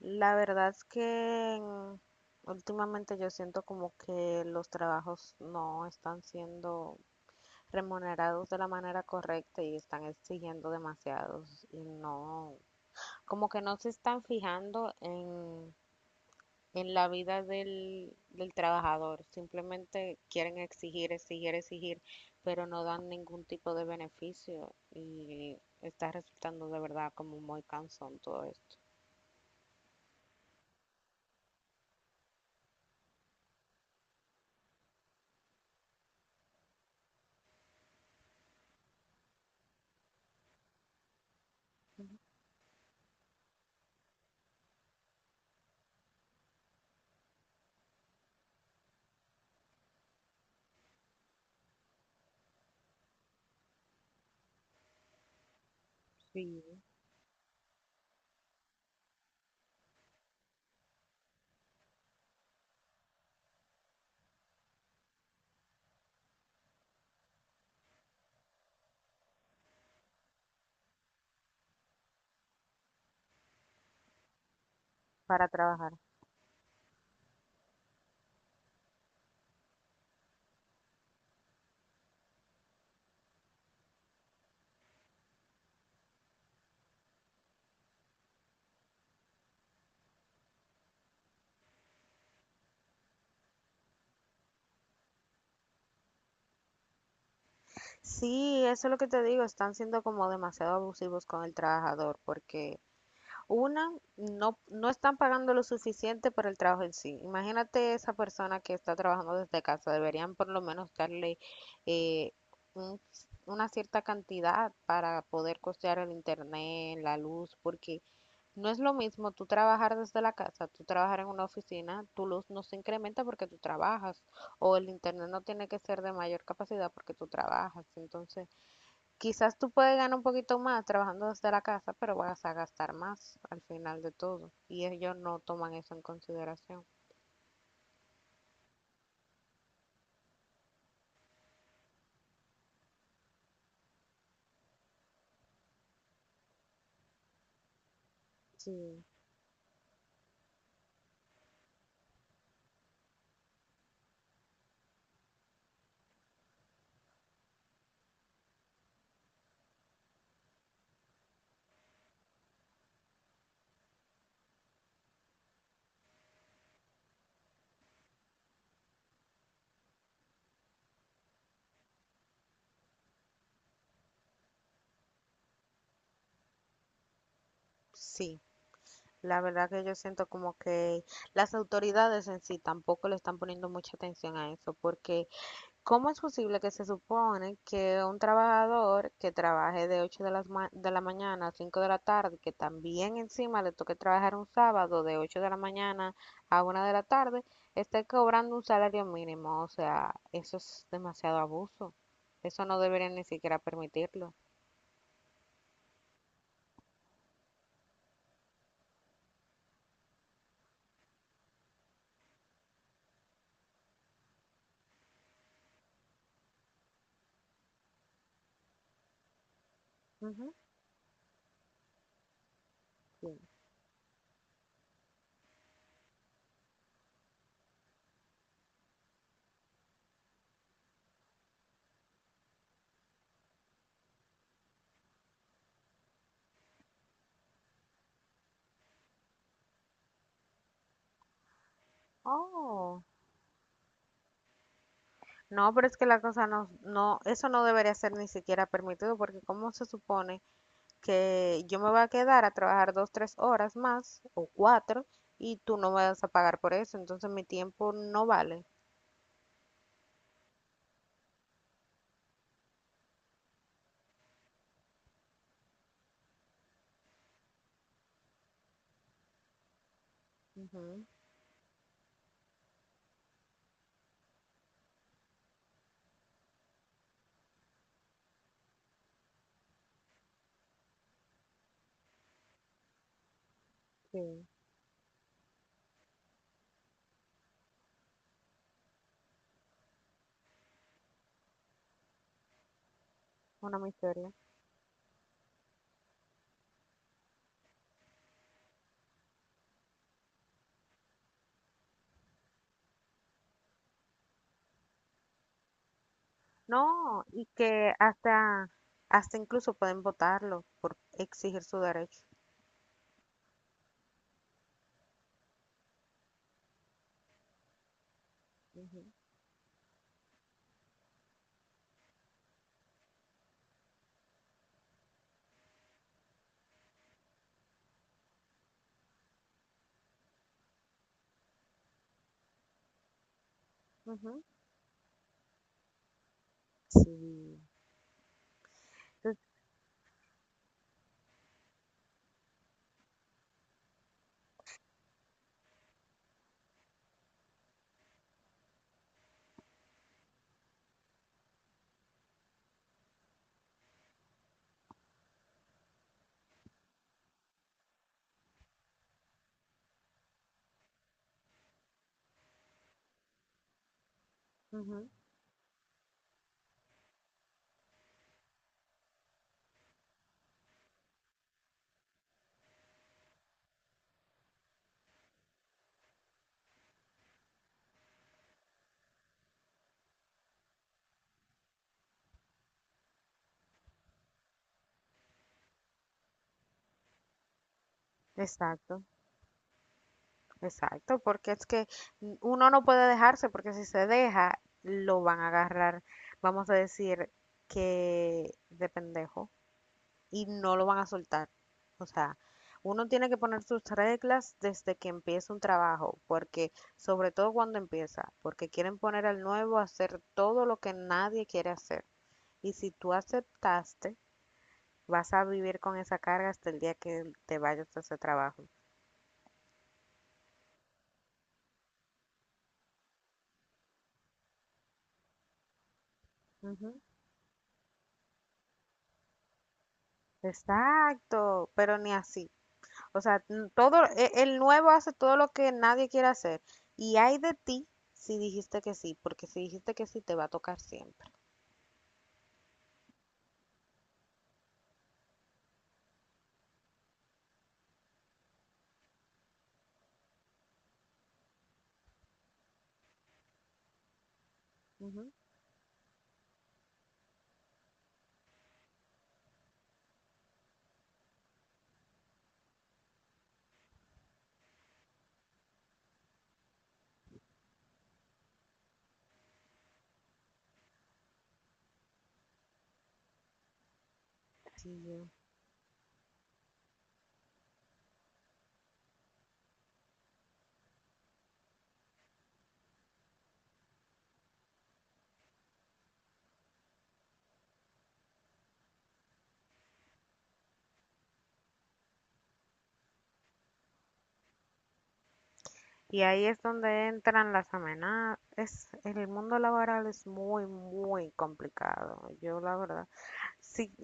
La verdad es que últimamente yo siento como que los trabajos no están siendo remunerados de la manera correcta y están exigiendo demasiados y no, como que no se están fijando en la vida del trabajador, simplemente quieren exigir, exigir, exigir, pero no dan ningún tipo de beneficio y está resultando de verdad como muy cansón todo esto. Sí, para trabajar. Sí, eso es lo que te digo, están siendo como demasiado abusivos con el trabajador, porque una, no, no están pagando lo suficiente por el trabajo en sí. Imagínate esa persona que está trabajando desde casa, deberían por lo menos darle eh, un- una cierta cantidad para poder costear el internet, la luz, porque no es lo mismo tú trabajar desde la casa, tú trabajar en una oficina, tu luz no se incrementa porque tú trabajas, o el internet no tiene que ser de mayor capacidad porque tú trabajas, entonces... Quizás tú puedes ganar un poquito más trabajando desde la casa, pero vas a gastar más al final de todo. Y ellos no toman eso en consideración. Sí, sí. La verdad que yo siento como que las autoridades en sí tampoco le están poniendo mucha atención a eso, porque ¿cómo es posible que se supone que un trabajador que trabaje de 8 de las de la mañana a 5 de la tarde, que también encima le toque trabajar un sábado de 8 de la mañana a una de la tarde, esté cobrando un salario mínimo? O sea, eso es demasiado abuso. Eso no deberían ni siquiera permitirlo. Ujú. Sí. Oh, no, pero es que la cosa no, no, eso no debería ser ni siquiera permitido porque ¿cómo se supone que yo me voy a quedar a trabajar dos, tres horas más o cuatro y tú no me vas a pagar por eso? Entonces mi tiempo no vale. Ujú, sí, una miseria. No, y que hasta, hasta incluso pueden votarlo por exigir su derecho. Ujú, ujú, sí, entonces, ujú, exacto, exacto, porque es que uno no puede dejarse, porque si se deja, lo van a agarrar, vamos a decir, que de pendejo. Y no lo van a soltar. O sea, uno tiene que poner sus reglas desde que empieza un trabajo, porque sobre todo cuando empieza, porque quieren poner al nuevo a hacer todo lo que nadie quiere hacer. Y si tú aceptaste, vas a vivir con esa carga hasta el día que te vayas a ese trabajo. Ujú. Exacto, pero ni así. O sea, todo el nuevo hace todo lo que nadie quiere hacer. Y hay de ti si dijiste que sí, porque si dijiste que sí te va a tocar siempre. Ujú. Sí. Y ahí es donde entran las amenazas. Es, el mundo laboral es muy, muy complicado. Yo, la verdad, si,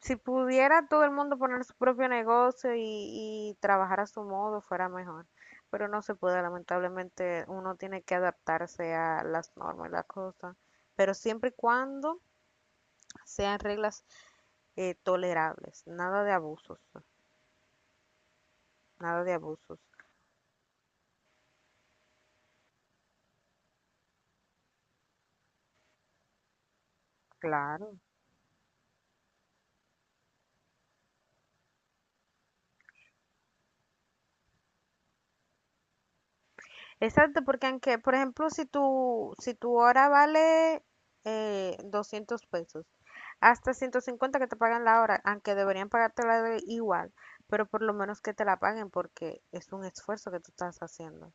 si pudiera todo el mundo poner su propio negocio y trabajar a su modo, fuera mejor. Pero no se puede, lamentablemente, uno tiene que adaptarse a las normas y las cosas. Pero siempre y cuando sean reglas tolerables, nada de abusos, nada de abusos. Claro. Exacto, porque aunque, por ejemplo, si tu hora vale 200 pesos, hasta 150 que te pagan la hora, aunque deberían pagártela igual, pero por lo menos que te la paguen porque es un esfuerzo que tú estás haciendo.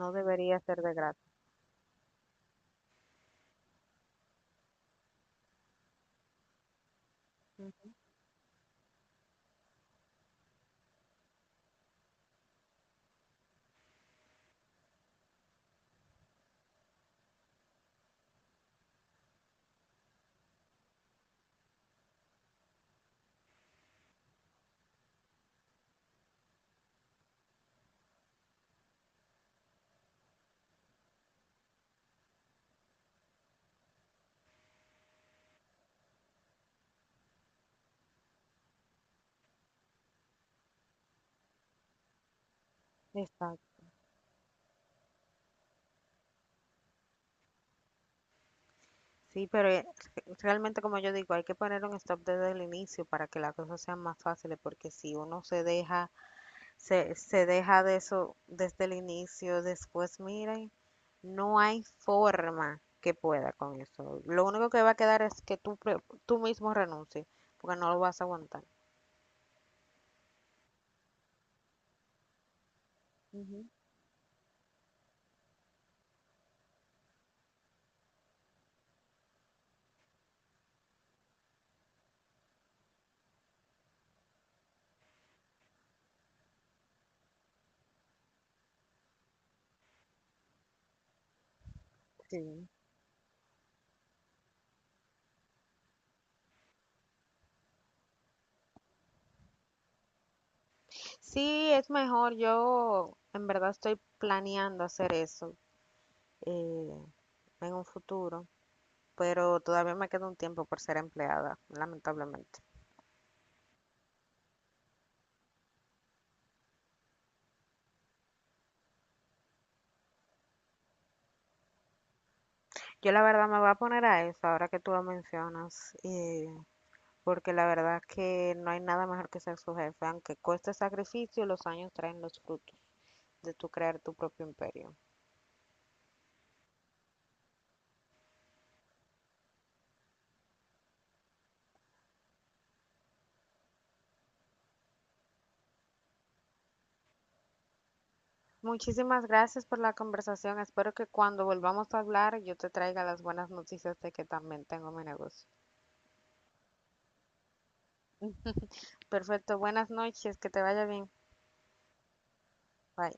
No debería ser de gratis. Mm. Exacto. Sí, pero realmente como yo digo, hay que poner un stop desde el inicio para que las cosas sean más fáciles, porque si uno se deja se deja de eso desde el inicio, después miren, no hay forma que pueda con eso. Lo único que va a quedar es que tú mismo renuncies, porque no lo vas a aguantar. Ujú, sí. Sí, es mejor, yo en verdad estoy planeando hacer eso eh, en un futuro, pero todavía me queda un tiempo por ser empleada, lamentablemente. Yo la verdad me voy a poner a eso ahora que tú lo mencionas. Porque la verdad que no hay nada mejor que ser su jefe, aunque cueste sacrificio, los años traen los frutos de tu crear tu propio imperio. Muchísimas gracias por la conversación. Espero que cuando volvamos a hablar yo te traiga las buenas noticias de que también tengo mi negocio. Perfecto, buenas noches, que te vaya bien. Bye.